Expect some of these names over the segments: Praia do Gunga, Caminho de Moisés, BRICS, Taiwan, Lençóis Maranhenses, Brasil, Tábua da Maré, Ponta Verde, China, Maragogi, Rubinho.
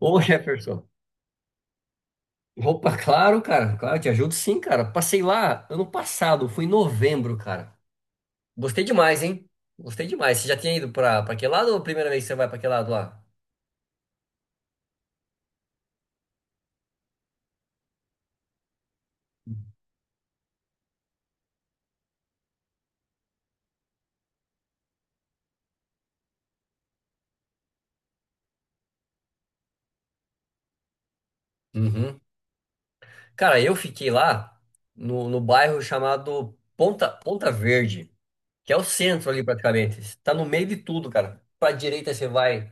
Ô Jefferson, opa, claro, cara, claro, te ajudo sim, cara. Passei lá ano passado, fui em novembro, cara. Gostei demais, hein? Gostei demais. Você já tinha ido pra aquele lado ou a primeira vez que você vai pra aquele lado lá? Uhum. Cara, eu fiquei lá no bairro chamado Ponta Verde, que é o centro ali praticamente. Tá no meio de tudo, cara. Pra direita você vai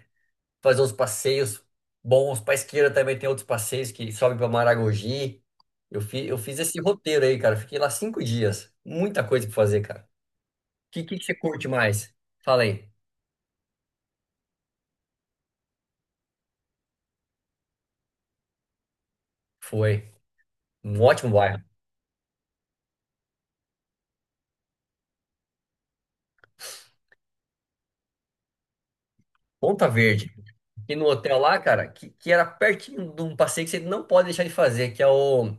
fazer uns passeios bons. Pra esquerda também tem outros passeios que sobem pra Maragogi. Eu fiz esse roteiro aí, cara. Fiquei lá 5 dias. Muita coisa pra fazer, cara. O que você curte mais? Fala aí. Foi. Um ótimo bairro. Ponta Verde. E no hotel lá, cara, que era pertinho de um passeio que você não pode deixar de fazer, que é o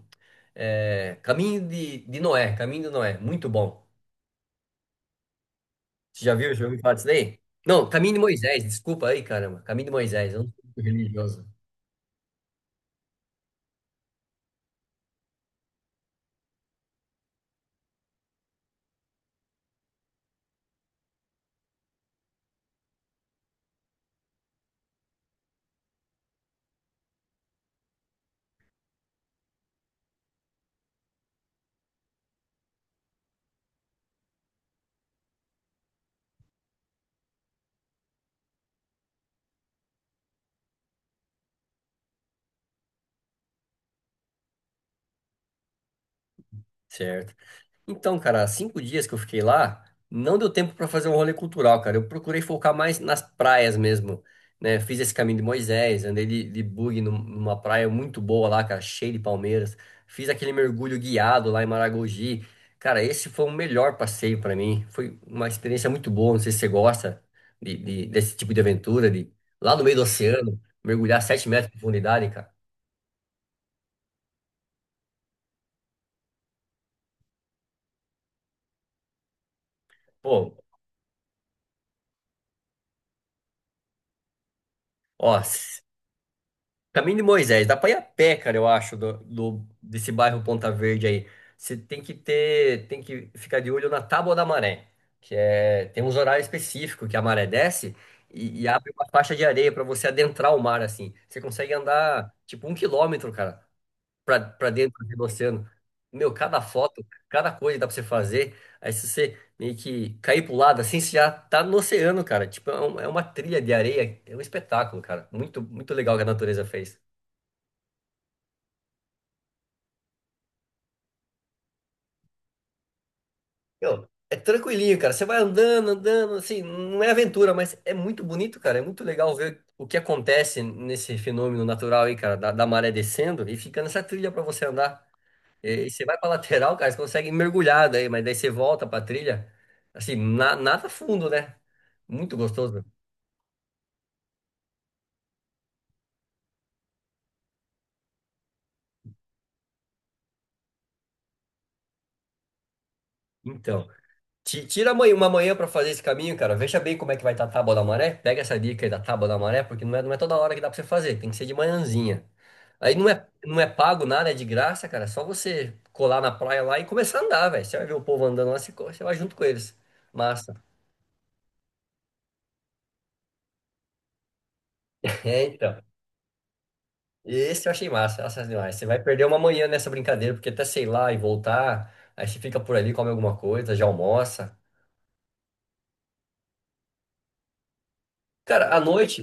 é, Caminho de Noé. Caminho de Noé. Muito bom. Você já viu? Já ouviu falar disso daí? Não, Caminho de Moisés. Desculpa aí, caramba. Caminho de Moisés. Eu não sou muito religioso. Certo. Então, cara, 5 dias que eu fiquei lá, não deu tempo para fazer um rolê cultural, cara. Eu procurei focar mais nas praias mesmo, né? Fiz esse caminho de Moisés, andei de bug num- numa praia muito boa lá, cara, cheia de palmeiras. Fiz aquele mergulho guiado lá em Maragogi. Cara, esse foi o melhor passeio para mim. Foi uma experiência muito boa. Não sei se você gosta de- desse tipo de aventura, de lá no meio do oceano, mergulhar 7 metros de profundidade, cara. Pô, ó. Caminho de Moisés, dá pra ir a pé, cara, eu acho, do, do- desse bairro Ponta Verde aí. Você tem que ter, tem que ficar de olho na Tábua da Maré, que é, tem uns horários específicos que a maré desce e abre uma faixa de areia pra você adentrar o mar, assim. Você consegue andar, tipo, um quilômetro, cara, pra dentro do oceano. Meu, cada foto, cada coisa dá pra você fazer. Aí se você meio que cair pro lado, assim, você já tá no oceano, cara. Tipo, é uma trilha de areia, é um espetáculo, cara. Muito, muito legal que a natureza fez. Meu, é tranquilinho, cara. Você vai andando, andando, assim, não é aventura, mas é muito bonito, cara. É muito legal ver o que acontece nesse fenômeno natural aí, cara, da maré descendo e fica nessa trilha pra você andar. E você vai pra lateral, cara, você consegue mergulhar daí, mas daí você volta pra trilha, assim, nada fundo, né? Muito gostoso. Então. Uma manhã pra fazer esse caminho, cara. Veja bem como é que vai estar a tábua da maré. Pega essa dica aí da tábua da maré, porque não é toda hora que dá pra você fazer. Tem que ser de manhãzinha. Aí não é pago nada, é de graça, cara. É só você colar na praia lá e começar a andar, velho. Você vai ver o povo andando lá, você, você vai junto com eles. Massa. É, então. Esse eu achei massa, massa demais. Você vai perder uma manhã nessa brincadeira, porque até sei lá e voltar, aí você fica por ali, come alguma coisa, já almoça. Cara,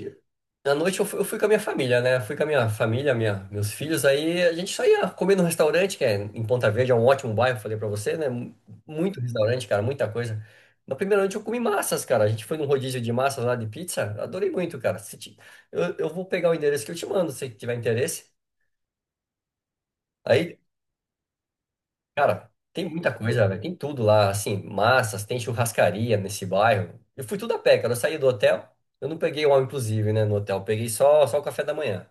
à noite eu fui com a minha família, né? Fui com a minha família, meus filhos, aí a gente só ia comer no restaurante, que é em Ponta Verde, é um ótimo bairro, falei pra você, né? Muito restaurante, cara, muita coisa. Na primeira noite eu comi massas, cara. A gente foi num rodízio de massas lá de pizza, adorei muito, cara. Se ti- Eu vou pegar o endereço que eu te mando, se tiver interesse. Aí, cara, tem muita coisa, velho, tem tudo lá, assim, massas, tem churrascaria nesse bairro. Eu fui tudo a pé, cara, eu saí do hotel, eu não peguei o all inclusive, né, no hotel, eu peguei só o café da manhã.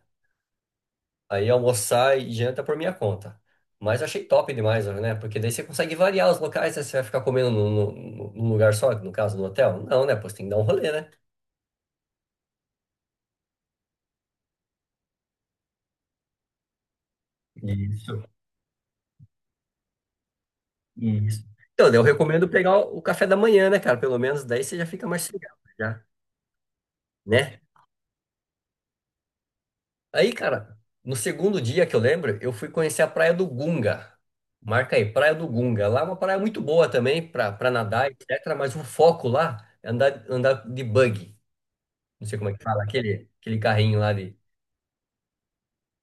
Aí almoçar e janta por minha conta. Mas eu achei top demais, né? Porque daí você consegue variar os locais, né? Você vai ficar comendo num, num lugar só, no caso, no hotel? Não, né? Pô, você tem que dar um rolê, né? Isso, isso. Então, daí eu recomendo pegar o café da manhã, né, cara? Pelo menos daí você já fica mais sossegado, já, né? Aí, cara, no segundo dia que eu lembro, eu fui conhecer a Praia do Gunga. Marca aí, Praia do Gunga. Lá é uma praia muito boa também para nadar, etc. Mas o foco lá é andar, andar de buggy. Não sei como é que fala, aquele carrinho lá de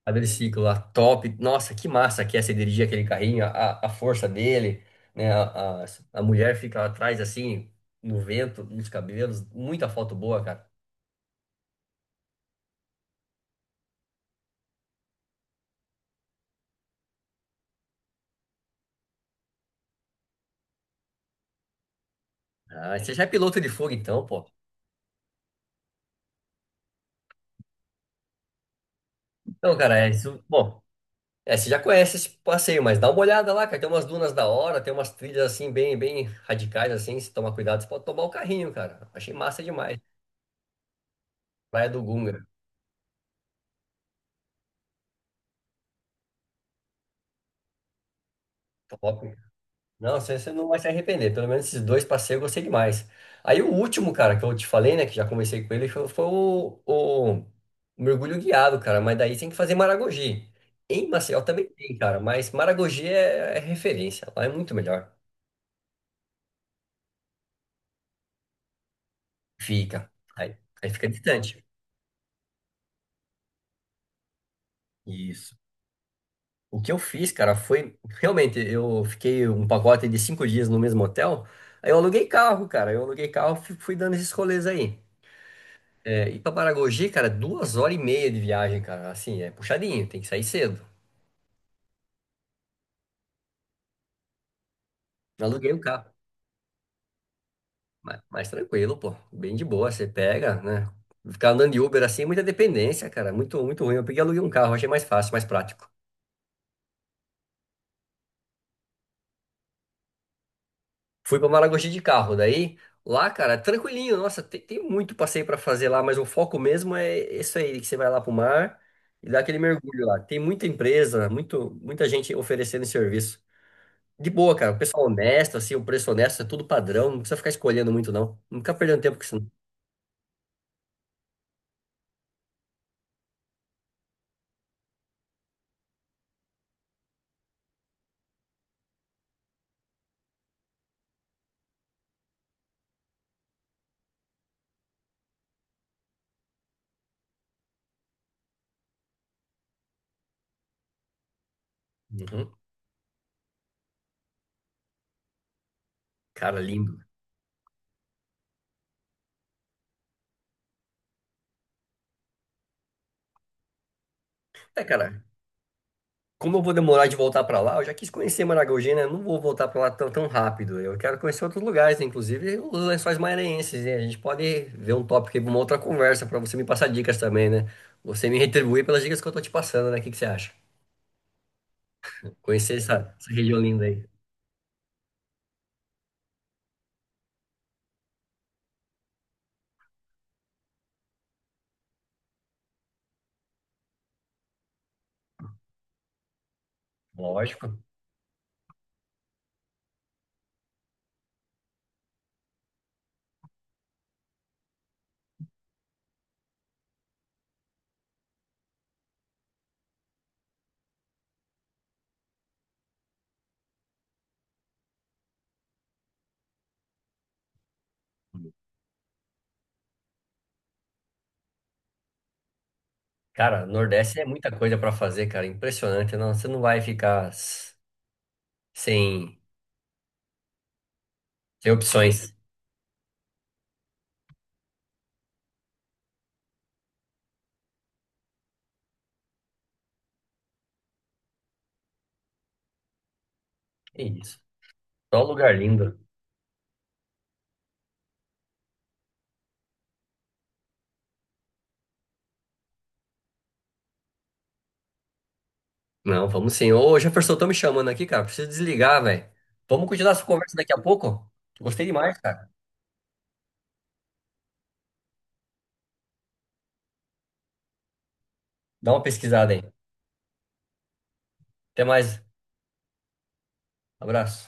quadriciclo lá, top. Nossa, que massa que é você dirigir aquele carrinho, a força dele, né? A mulher fica atrás assim, no vento, nos cabelos. Muita foto boa, cara. Ah, você já é piloto de fogo então, pô. Então, cara, é isso. Bom, é, você já conhece esse passeio, mas dá uma olhada lá, cara. Tem umas dunas da hora, tem umas trilhas assim, bem, bem radicais, assim. Se tomar cuidado, você pode tomar o carrinho, cara. Achei massa demais. Praia do Gunga. Top. Não, você não vai se arrepender. Pelo menos esses dois passeios eu gostei demais. Aí o último, cara, que eu te falei, né? Que já conversei com ele, foi o mergulho guiado, cara. Mas daí tem que fazer Maragogi. Em Maceió também tem, cara. Mas Maragogi é, é referência. Lá é muito melhor. Fica. Aí, aí fica distante. Isso. O que eu fiz, cara, foi. Realmente, eu fiquei um pacote de 5 dias no mesmo hotel. Aí eu aluguei carro, cara. Eu aluguei carro e fui dando esses rolês aí. É, e pra Paragogi, cara, 2 horas e meia de viagem, cara. Assim, é puxadinho, tem que sair cedo. Aluguei um carro, mas tranquilo, pô. Bem de boa, você pega, né? Ficar andando de Uber assim é muita dependência, cara. Muito, muito ruim. Eu peguei e aluguei um carro, achei mais fácil, mais prático. Fui pra Maragogi de carro, daí lá, cara, tranquilinho. Nossa, tem muito passeio pra fazer lá, mas o foco mesmo é isso aí, que você vai lá pro mar e dá aquele mergulho lá. Tem muita empresa, muito, muita gente oferecendo serviço. De boa, cara. O pessoal honesto, assim, o preço honesto, é tudo padrão, não precisa ficar escolhendo muito, não. Não fica perdendo tempo com isso, não. Uhum. Cara, lindo. É, cara, como eu vou demorar de voltar pra lá, eu já quis conhecer Maragogi, né? Eu não vou voltar pra lá tão, tão rápido. Eu quero conhecer outros lugares, né? Inclusive os Lençóis Maranhenses, né? A gente pode ver um tópico aí pra uma outra conversa, pra você me passar dicas também, né? Você me retribuir pelas dicas que eu tô te passando, né? O que que você acha? Conhecer essa região linda aí. Lógico. Cara, Nordeste é muita coisa pra fazer, cara. Impressionante, não? Você não vai ficar. Sim, tem opções. É isso. Só lugar lindo. Não, vamos sim. Ô, Jefferson, estão me chamando aqui, cara. Preciso desligar, velho. Vamos continuar essa conversa daqui a pouco? Gostei demais, cara. Dá uma pesquisada aí. Até mais. Abraço.